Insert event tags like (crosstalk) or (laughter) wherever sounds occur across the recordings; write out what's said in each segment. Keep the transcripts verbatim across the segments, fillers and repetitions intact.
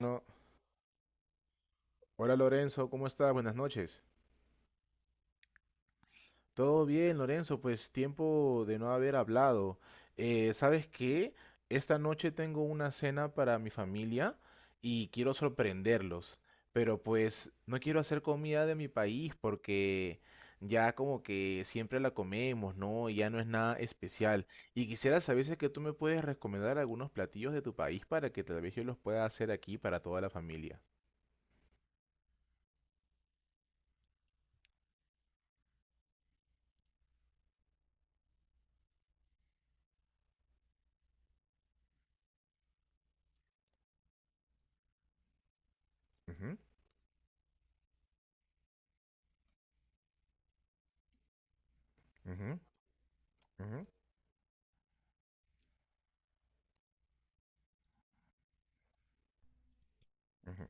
No. Hola Lorenzo, ¿cómo estás? Buenas noches. Todo bien, Lorenzo, pues tiempo de no haber hablado. Eh, ¿sabes qué? Esta noche tengo una cena para mi familia y quiero sorprenderlos, pero pues no quiero hacer comida de mi país porque ya como que siempre la comemos, ¿no? Y ya no es nada especial. Y quisiera saber si es que tú me puedes recomendar algunos platillos de tu país para que tal vez yo los pueda hacer aquí para toda la familia. Ujú, ujú, ujú, ujú.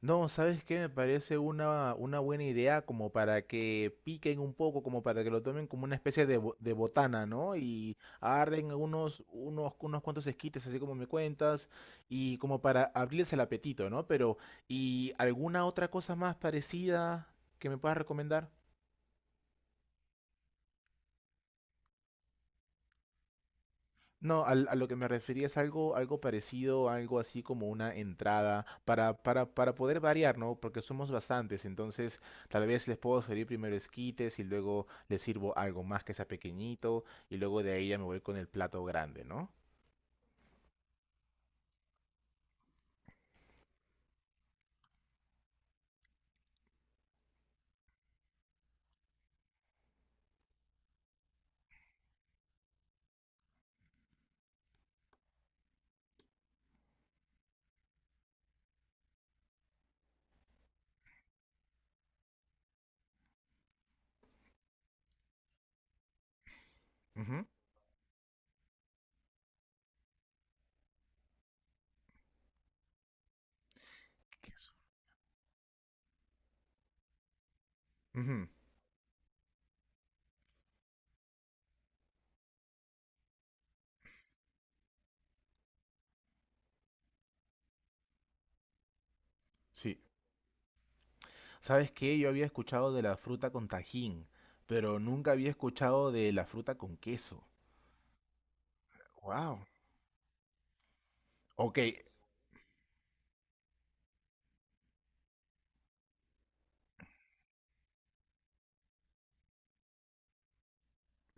No, ¿sabes qué? Me parece una, una buena idea como para que piquen un poco, como para que lo tomen como una especie de, bo- de botana, ¿no? Y agarren unos, unos, unos cuantos esquites, así como me cuentas, y como para abrirles el apetito, ¿no? Pero, ¿y alguna otra cosa más parecida que me puedas recomendar? No, al- a lo que me refería es algo, algo parecido, algo así como una entrada para, para, para poder variar, ¿no? Porque somos bastantes, entonces tal vez les puedo servir primero esquites y luego les sirvo algo más que sea pequeñito y luego de ahí ya me voy con el plato grande, ¿no? Ujú. Queso. Ujú. Sí. ¿Sabes qué? Yo había escuchado de la fruta con tajín, pero nunca había escuchado de la fruta con queso. Wow. Ok,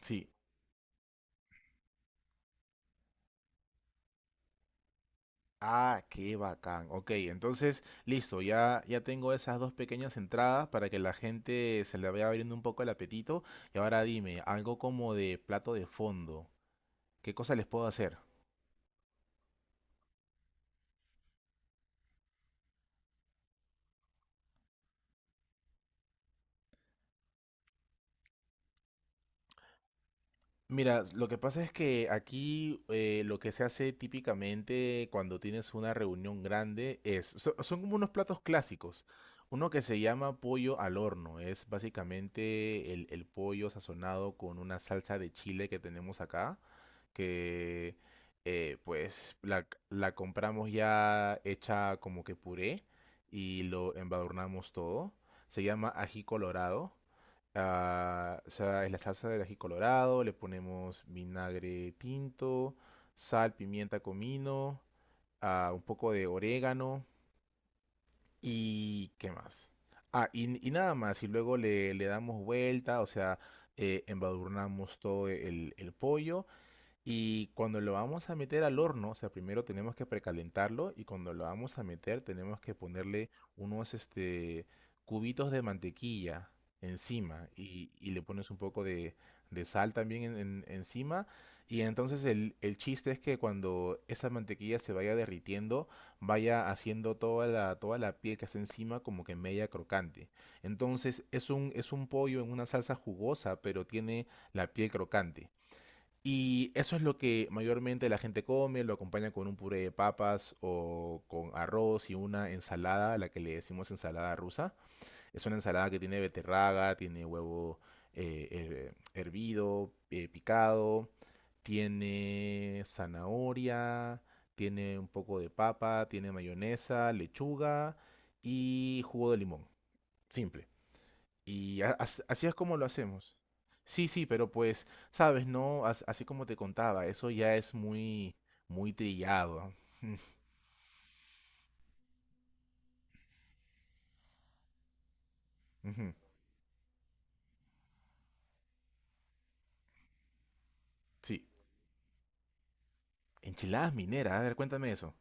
sí. Ah, qué bacán. Ok, entonces, listo, ya, ya tengo esas dos pequeñas entradas para que la gente se le vaya abriendo un poco el apetito. Y ahora dime, algo como de plato de fondo. ¿Qué cosa les puedo hacer? Mira, lo que pasa es que aquí eh, lo que se hace típicamente cuando tienes una reunión grande es, so- son como unos platos clásicos. Uno que se llama pollo al horno, es básicamente el, el pollo sazonado con una salsa de chile que tenemos acá, que eh, pues la, la compramos ya hecha como que puré y lo embadurnamos todo. Se llama ají colorado. Ah, o sea, es la salsa del ají colorado, le ponemos vinagre tinto, sal, pimienta, comino, ah, un poco de orégano y ¿qué más? Ah, y, y nada más, y luego le, le damos vuelta, o sea, eh, embadurnamos todo el, el pollo y cuando lo vamos a meter al horno, o sea, primero tenemos que precalentarlo y cuando lo vamos a meter tenemos que ponerle unos este, cubitos de mantequilla encima y, y le pones un poco de, de sal también en- en- encima. Y entonces el, el chiste es que cuando esa mantequilla se vaya derritiendo, vaya haciendo toda la, toda la piel que está encima como que media crocante. Entonces es un, es un pollo en una salsa jugosa, pero tiene la piel crocante. Y eso es lo que mayormente la gente come, lo acompaña con un puré de papas o con arroz y una ensalada, la que le decimos ensalada rusa. Es una ensalada que tiene beterraga, tiene huevo eh, her- hervido, eh, picado, tiene zanahoria, tiene un poco de papa, tiene mayonesa, lechuga y jugo de limón. Simple. Y a- as- así es como lo hacemos. Sí, sí, pero pues, sabes, no, As- así como te contaba, eso ya es muy, muy trillado. Ujú. Sí, enchiladas mineras, a ver, cuéntame eso.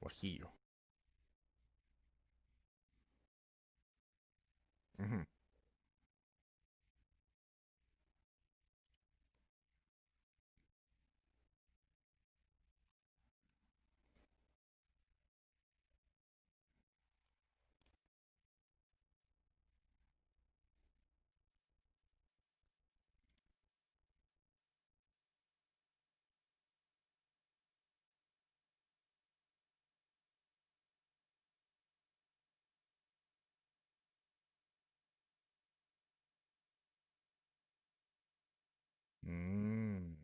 Guajillo. Ujú. Mm.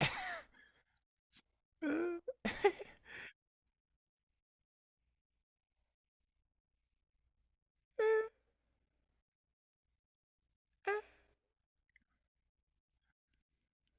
(laughs)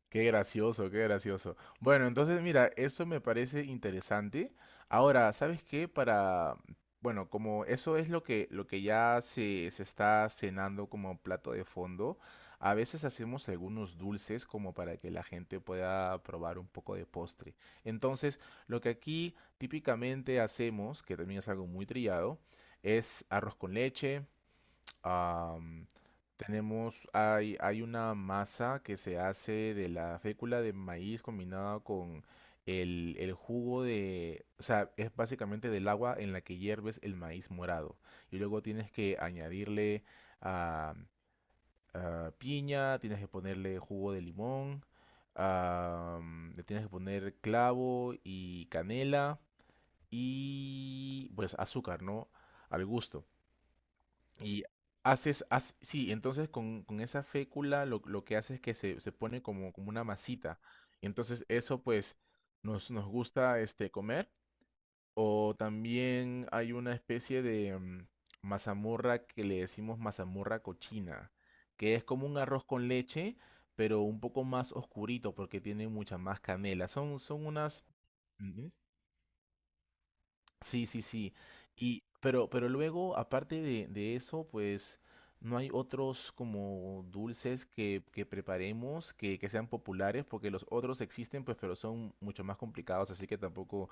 Qué gracioso, qué gracioso. Bueno, entonces mira, eso me parece interesante. Ahora, ¿sabes qué? Para, bueno, como eso es lo que, lo que ya se, se está cenando como plato de fondo, a veces hacemos algunos dulces como para que la gente pueda probar un poco de postre. Entonces, lo que aquí típicamente hacemos, que también es algo muy trillado, es arroz con leche. Am, Tenemos, hay, hay una masa que se hace de la fécula de maíz combinada con el, el jugo de, o sea, es básicamente del agua en la que hierves el maíz morado. Y luego tienes que añadirle ah, ah, piña, tienes que ponerle jugo de limón, am, le tienes que poner clavo y canela y pues azúcar, ¿no? Al gusto. Y haces, haz- sí, entonces con, con esa fécula lo, lo que hace es que se, se pone como, como una masita. Y entonces eso pues nos, nos gusta este, comer. O también hay una especie de mm, mazamorra que le decimos mazamorra cochina, que es como un arroz con leche, pero un poco más oscurito porque tiene mucha más canela. Son, son unas... Sí, sí, sí. Y, pero, pero luego, aparte de, de eso, pues no hay otros como dulces que, que preparemos que, que sean populares, porque los otros existen, pues, pero son mucho más complicados, así que tampoco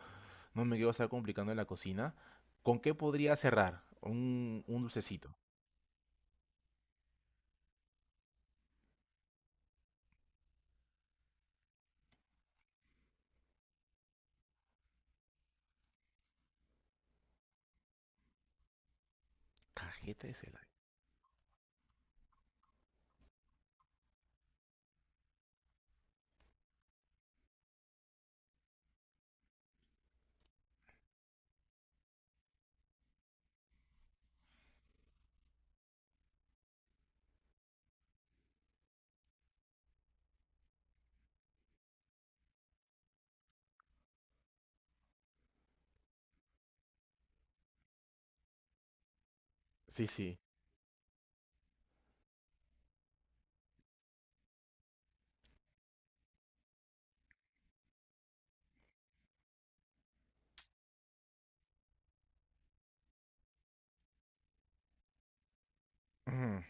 no me quiero estar complicando en la cocina. ¿Con qué podría cerrar? Un, un dulcecito. Cajeta de Celaya. Sí, sí. (clears throat) Ujú.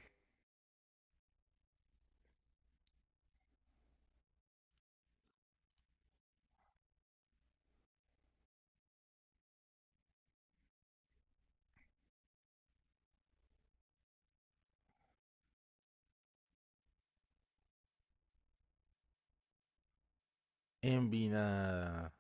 Envinada.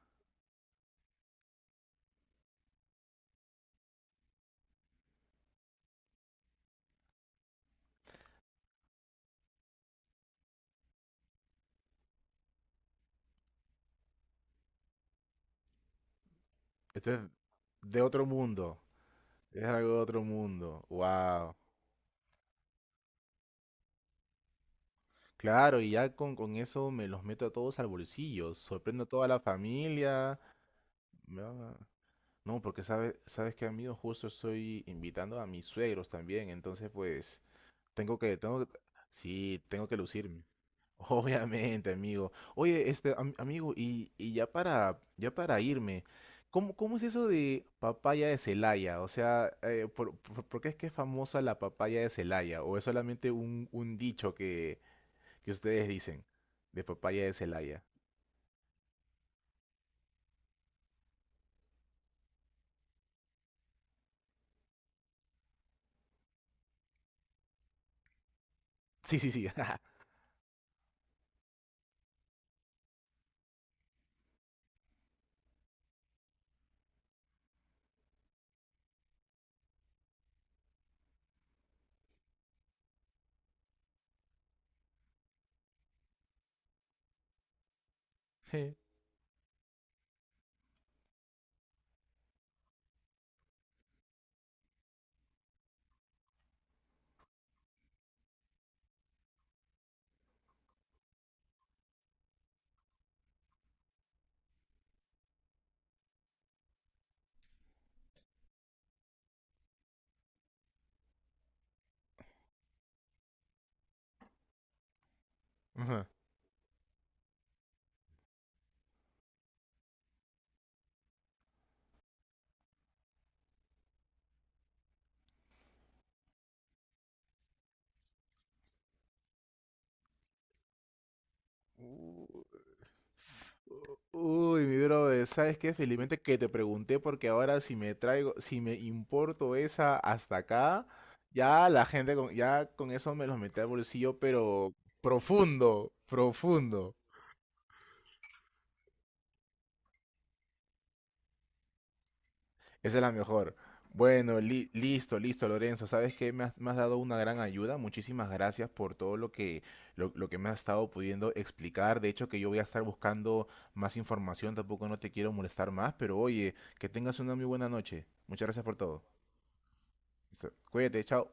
Esto es de otro mundo. Es algo de otro mundo. Wow. Claro, y ya con, con eso me los meto a todos al bolsillo, sorprendo a toda la familia. Me van a... No, porque sabes, sabes que amigo, justo estoy invitando a mis suegros también, entonces pues tengo que, tengo que... sí, tengo que lucirme. (laughs) Obviamente, amigo. Oye, este am- amigo, y, y ya para, ya para irme, ¿cómo, cómo es eso de papaya de Celaya? O sea, eh, ¿por, por- por qué es que es famosa la papaya de Celaya? ¿O es solamente un, un dicho que ustedes dicen de papaya de Celaya? Sí, sí, sí. (laughs) Sí. Ajá. Uh, uy, mi brother, ¿sabes qué? Felizmente que te pregunté porque ahora si me traigo, si me importo esa hasta acá, ya la gente con, ya con eso me los metí al bolsillo, pero profundo, profundo. Esa es la mejor. Bueno, li- listo, listo, Lorenzo. Sabes que me has, me has dado una gran ayuda. Muchísimas gracias por todo lo que, lo, lo que me has estado pudiendo explicar. De hecho, que yo voy a estar buscando más información. Tampoco no te quiero molestar más, pero oye, que tengas una muy buena noche. Muchas gracias por todo. Listo. Cuídate, chao.